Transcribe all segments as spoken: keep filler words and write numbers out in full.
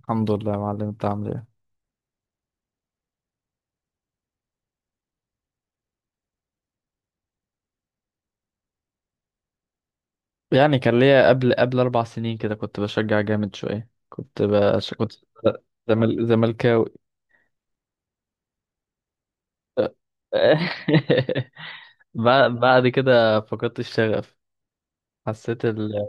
الحمد لله يا معلم، انت عامل ايه؟ يعني كان ليا قبل قبل اربع سنين كده كنت بشجع جامد شويه. كنت بش... كنت زمل... زملكاوي. بعد بعد كده فقدت الشغف. حسيت ال...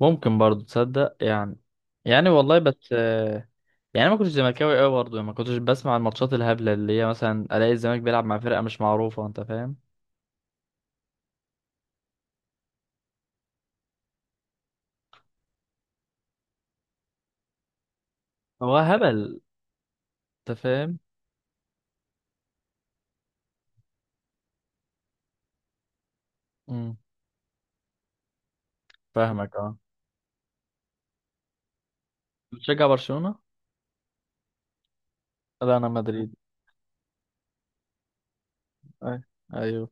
ممكن برضو تصدق يعني. يعني والله بس آه، يعني ما كنتش زملكاوي قوي برضو، ما كنتش بسمع الماتشات الهبله اللي هي مثلا الاقي الزمالك بيلعب مع فرقه مش معروفه. انت فاهم؟ هو هبل. انت فاهم. امم. فاهمك اه. بتشجع برشلونه. لا انا مدريد. أي- ايوه.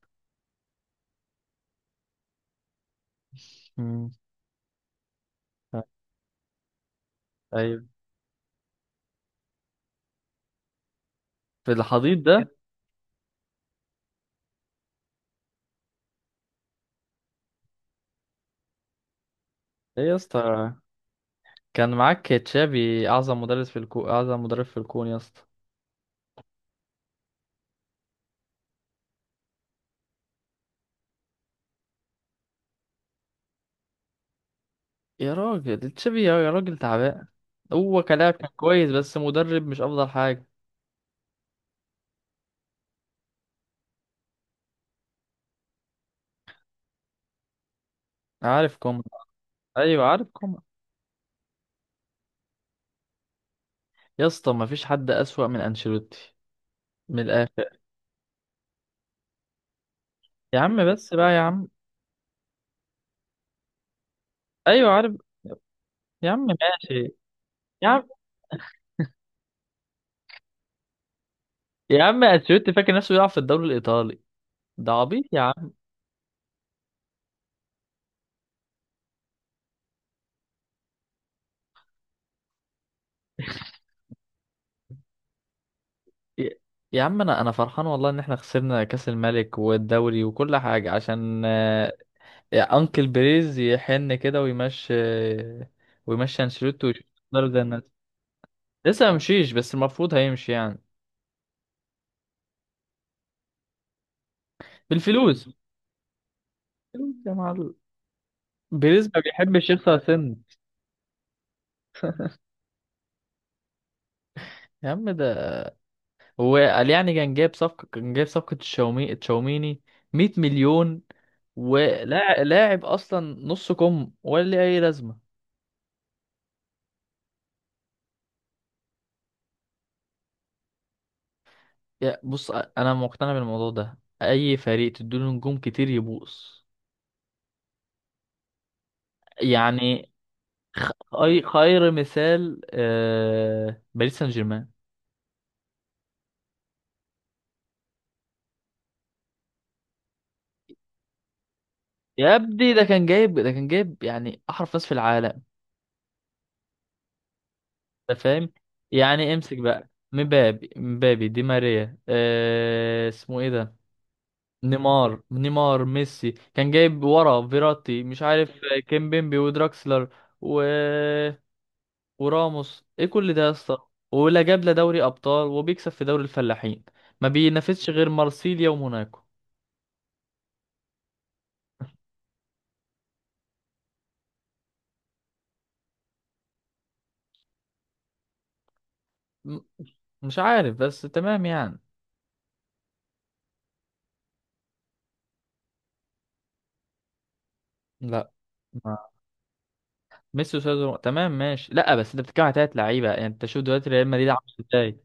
مم. ايوه، في الحضيض ده. ايه يا اسطى، كان معاك تشافي، اعظم مدرس في الكون، اعظم مدرب في الكون يا اسطى. يا راجل، تشافي يا يا راجل تعبان. هو كلاعب كان كويس، بس مدرب مش افضل حاجه. عارف كومان. ايوه عارف كومان. يا اسطى، ما فيش حد اسوأ من انشيلوتي. من الاخر. يا عم، بس بقى يا عم. ايوه عارف. يا عم ماشي. يا عم. يا عم انشيلوتي فاكر نفسه بيلعب في الدوري الايطالي. ده عبيط يا عم. يا يا عم انا انا فرحان والله ان احنا خسرنا كاس الملك والدوري وكل حاجه عشان آه، يا انكل بريز يحن كده ويمشي، آه، ويمشي انشيلوتي ويشوف إدارة زي الناس. لسه ممشيش بس المفروض هيمشي يعني. بالفلوس. فلوس يا معلم. بريز ما بيحبش يخسر سن. يا عم ده، هو قال يعني كان جايب صفقه كان جايب صفقه تشاومي تشاوميني، 100 مليون. ولاعب لاعب اصلا، نص كم، ولا ليه اي لازمه. يا بص، انا مقتنع بالموضوع ده، اي فريق تديله نجوم كتير يبوظ. يعني اي خير مثال، آه، باريس سان جيرمان. يا ابني ده كان جايب ده كان جايب يعني احرف ناس في العالم. انت فاهم. يعني امسك بقى مبابي مبابي دي ماريا، آه، اسمه ايه ده، نيمار نيمار، ميسي، كان جايب ورا فيراتي مش عارف، كيمبيمبي ودراكسلر، و وراموس، ايه كل ده يا اسطى؟ ولا جاب لا دوري ابطال، وبيكسب في دوري الفلاحين، ما بينافسش غير مارسيليا وموناكو. م- مش عارف بس تمام يعني. لا، ما- ميسي وسيزر تمام ماشي. لا بس انت بتتكلم على تلات لعيبه، يعني انت شوف دلوقتي ريال مدريد عامل ازاي.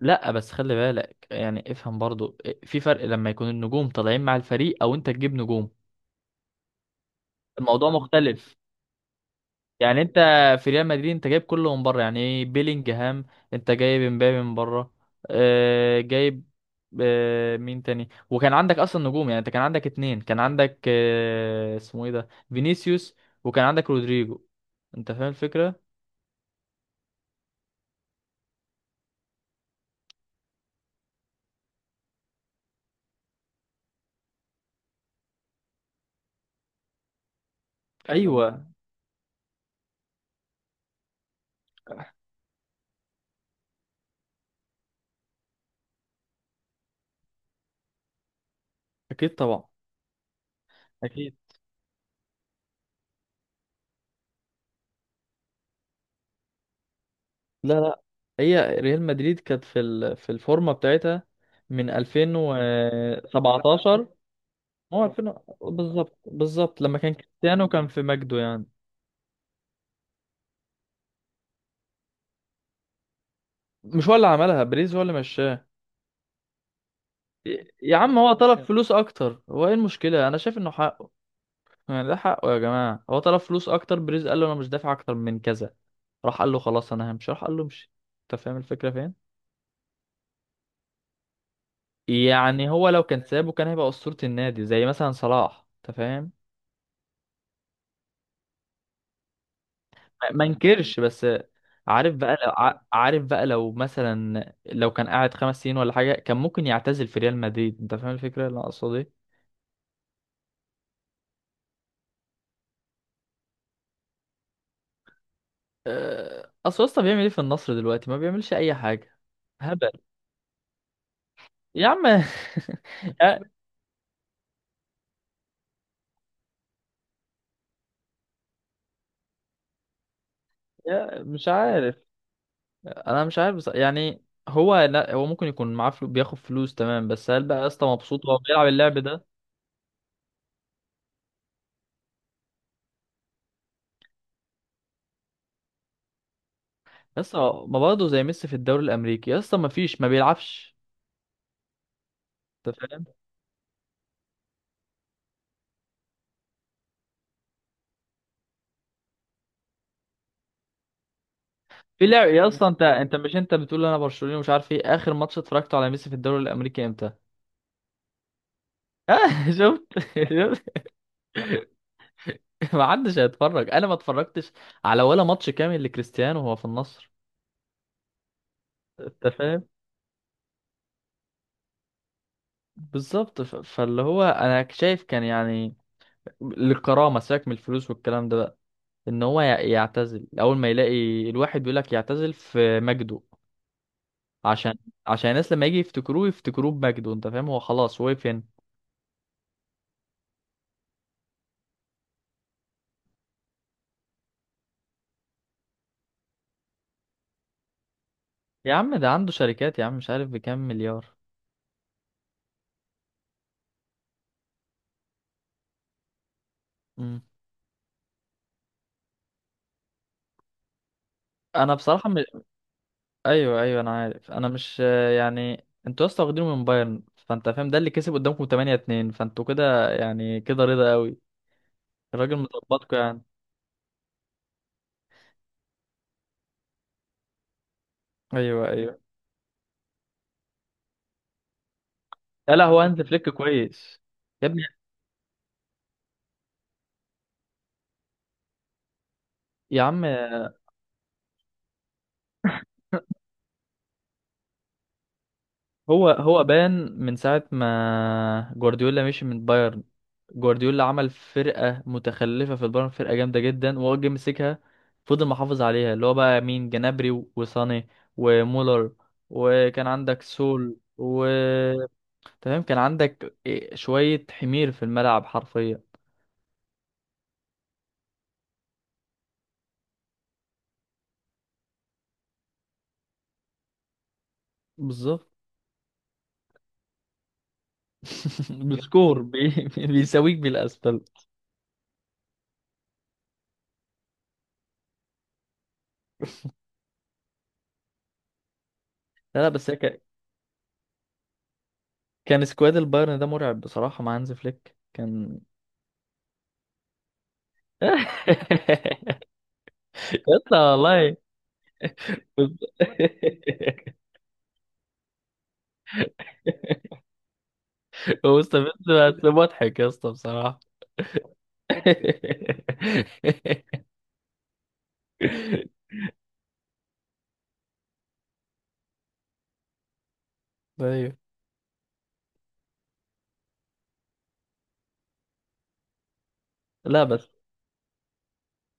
لا بس خلي بالك يعني، افهم برضو إيه، في فرق لما يكون النجوم طالعين مع الفريق، او انت تجيب نجوم. الموضوع مختلف. يعني انت في ريال مدريد انت جايب كله من بره. يعني ايه بيلينجهام، انت جايب امبابي من بره. اه جايب. اه مين تاني، وكان عندك اصلا نجوم، يعني انت كان عندك اتنين، كان عندك اه اسمه ايه ده فينيسيوس، وكان عندك رودريجو. انت فاهم الفكرة. ايوه. اكيد طبعا. اكيد. لا لا. هي ريال مدريد كانت في ال- في الفورمه بتاعتها من ألفين وسبعة عشر. هو ألفين، بالظبط بالظبط لما كان كريستيانو كان في مجده يعني. مش هو اللي عملها، بريز هو اللي مشاه. يا يا عم هو طلب فلوس اكتر. هو ايه المشكله؟ انا شايف انه حقه. يعني ده حقه يا جماعه. هو طلب فلوس اكتر، بريز قال له انا مش دافع اكتر من كذا، راح قال له خلاص انا همشي، راح قال له امشي. انت فاهم الفكره فين؟ يعني هو لو كان سابه كان هيبقى اسطوره النادي زي مثلا صلاح. انت فاهم. ما ما انكرش بس. عارف بقى لو ع- عارف بقى لو مثلا لو كان قاعد خمس سنين ولا حاجه، كان ممكن يعتزل في ريال مدريد. انت فاهم الفكره اللي انا اقصد ايه؟ أه، اصل يا اسطى بيعمل ايه في النصر دلوقتي؟ ما بيعملش اي حاجه. هبل. يا عم. يا يا مش عارف. انا مش عارف بص... يعني. هو لا هو ممكن يكون معاه فلو... بياخد فلوس تمام، بس هل بقى يا اسطى مبسوط وهو بيلعب اللعب ده؟ يا اسطى ما برضه زي ميسي في الدوري الامريكي، يا اسطى ما فيش، ما بيلعبش. انت فاهم. في لعب يا اسطى، انت انت مش انت بتقول انا برشلوني ومش عارف ايه، اخر ماتش اتفرجته على ميسي في الدوري الامريكي امتى؟ آه. شفت؟ شفت؟ ما حدش هيتفرج، انا ما اتفرجتش على ولا ماتش كامل لكريستيانو وهو في النصر. انت فاهم. بالظبط، ف- فاللي هو انا شايف كان يعني للكرامه، سيبك من الفلوس والكلام ده بقى، ان هو ي- يعتزل اول ما يلاقي الواحد بيقول لك يعتزل في مجده، عشان عشان الناس لما يجي يفتكروه يفتكروه بمجده. انت فاهم. هو خلاص وقف هنا. يا عم ده عنده شركات يا عم، مش عارف بكام مليار. مم. انا بصراحه م... ايوه ايوه انا عارف. انا مش يعني، انتوا اصلا واخدينه من بايرن، فانت فاهم، ده اللي كسب قدامكم تمانية اتنين، فانتوا كده يعني كده رضا قوي. الراجل مظبطكم يعني. ايوه ايوه. لا لا، هو هانز فليك كويس. يا ابني. يا عم. هو هو بان من ساعة ما جوارديولا مشي من بايرن. جوارديولا عمل فرقة متخلفة في البايرن، فرقة جامدة جدا، وهو جه مسكها، فضل محافظ عليها اللي هو بقى مين، جنابري وساني ومولر، وكان عندك سول و تمام، كان عندك إيه شوية حمير في الملعب حرفيا. بالظبط. بسكور بي... بيساويك بالأسفل. لا لا بس، هي ك- كان سكواد البايرن ده مرعب بصراحة، مع هانز فليك كان. يا اسطى والله. مستفز. بس مضحك يا اسطى بصراحة. ايوه. لا بس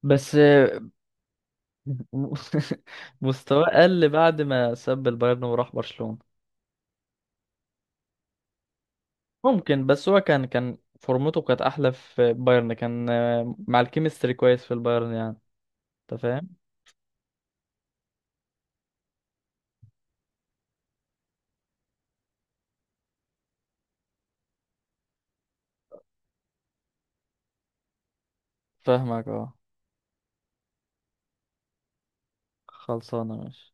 بس. مستواه قل بعد ما ساب البايرن وراح برشلونة. ممكن، بس هو كان كان فورمته كانت احلى في بايرن، كان آه، مع الكيمستري كويس في البايرن يعني. انت فاهم. فاهمك اه. خلصانة ماشي.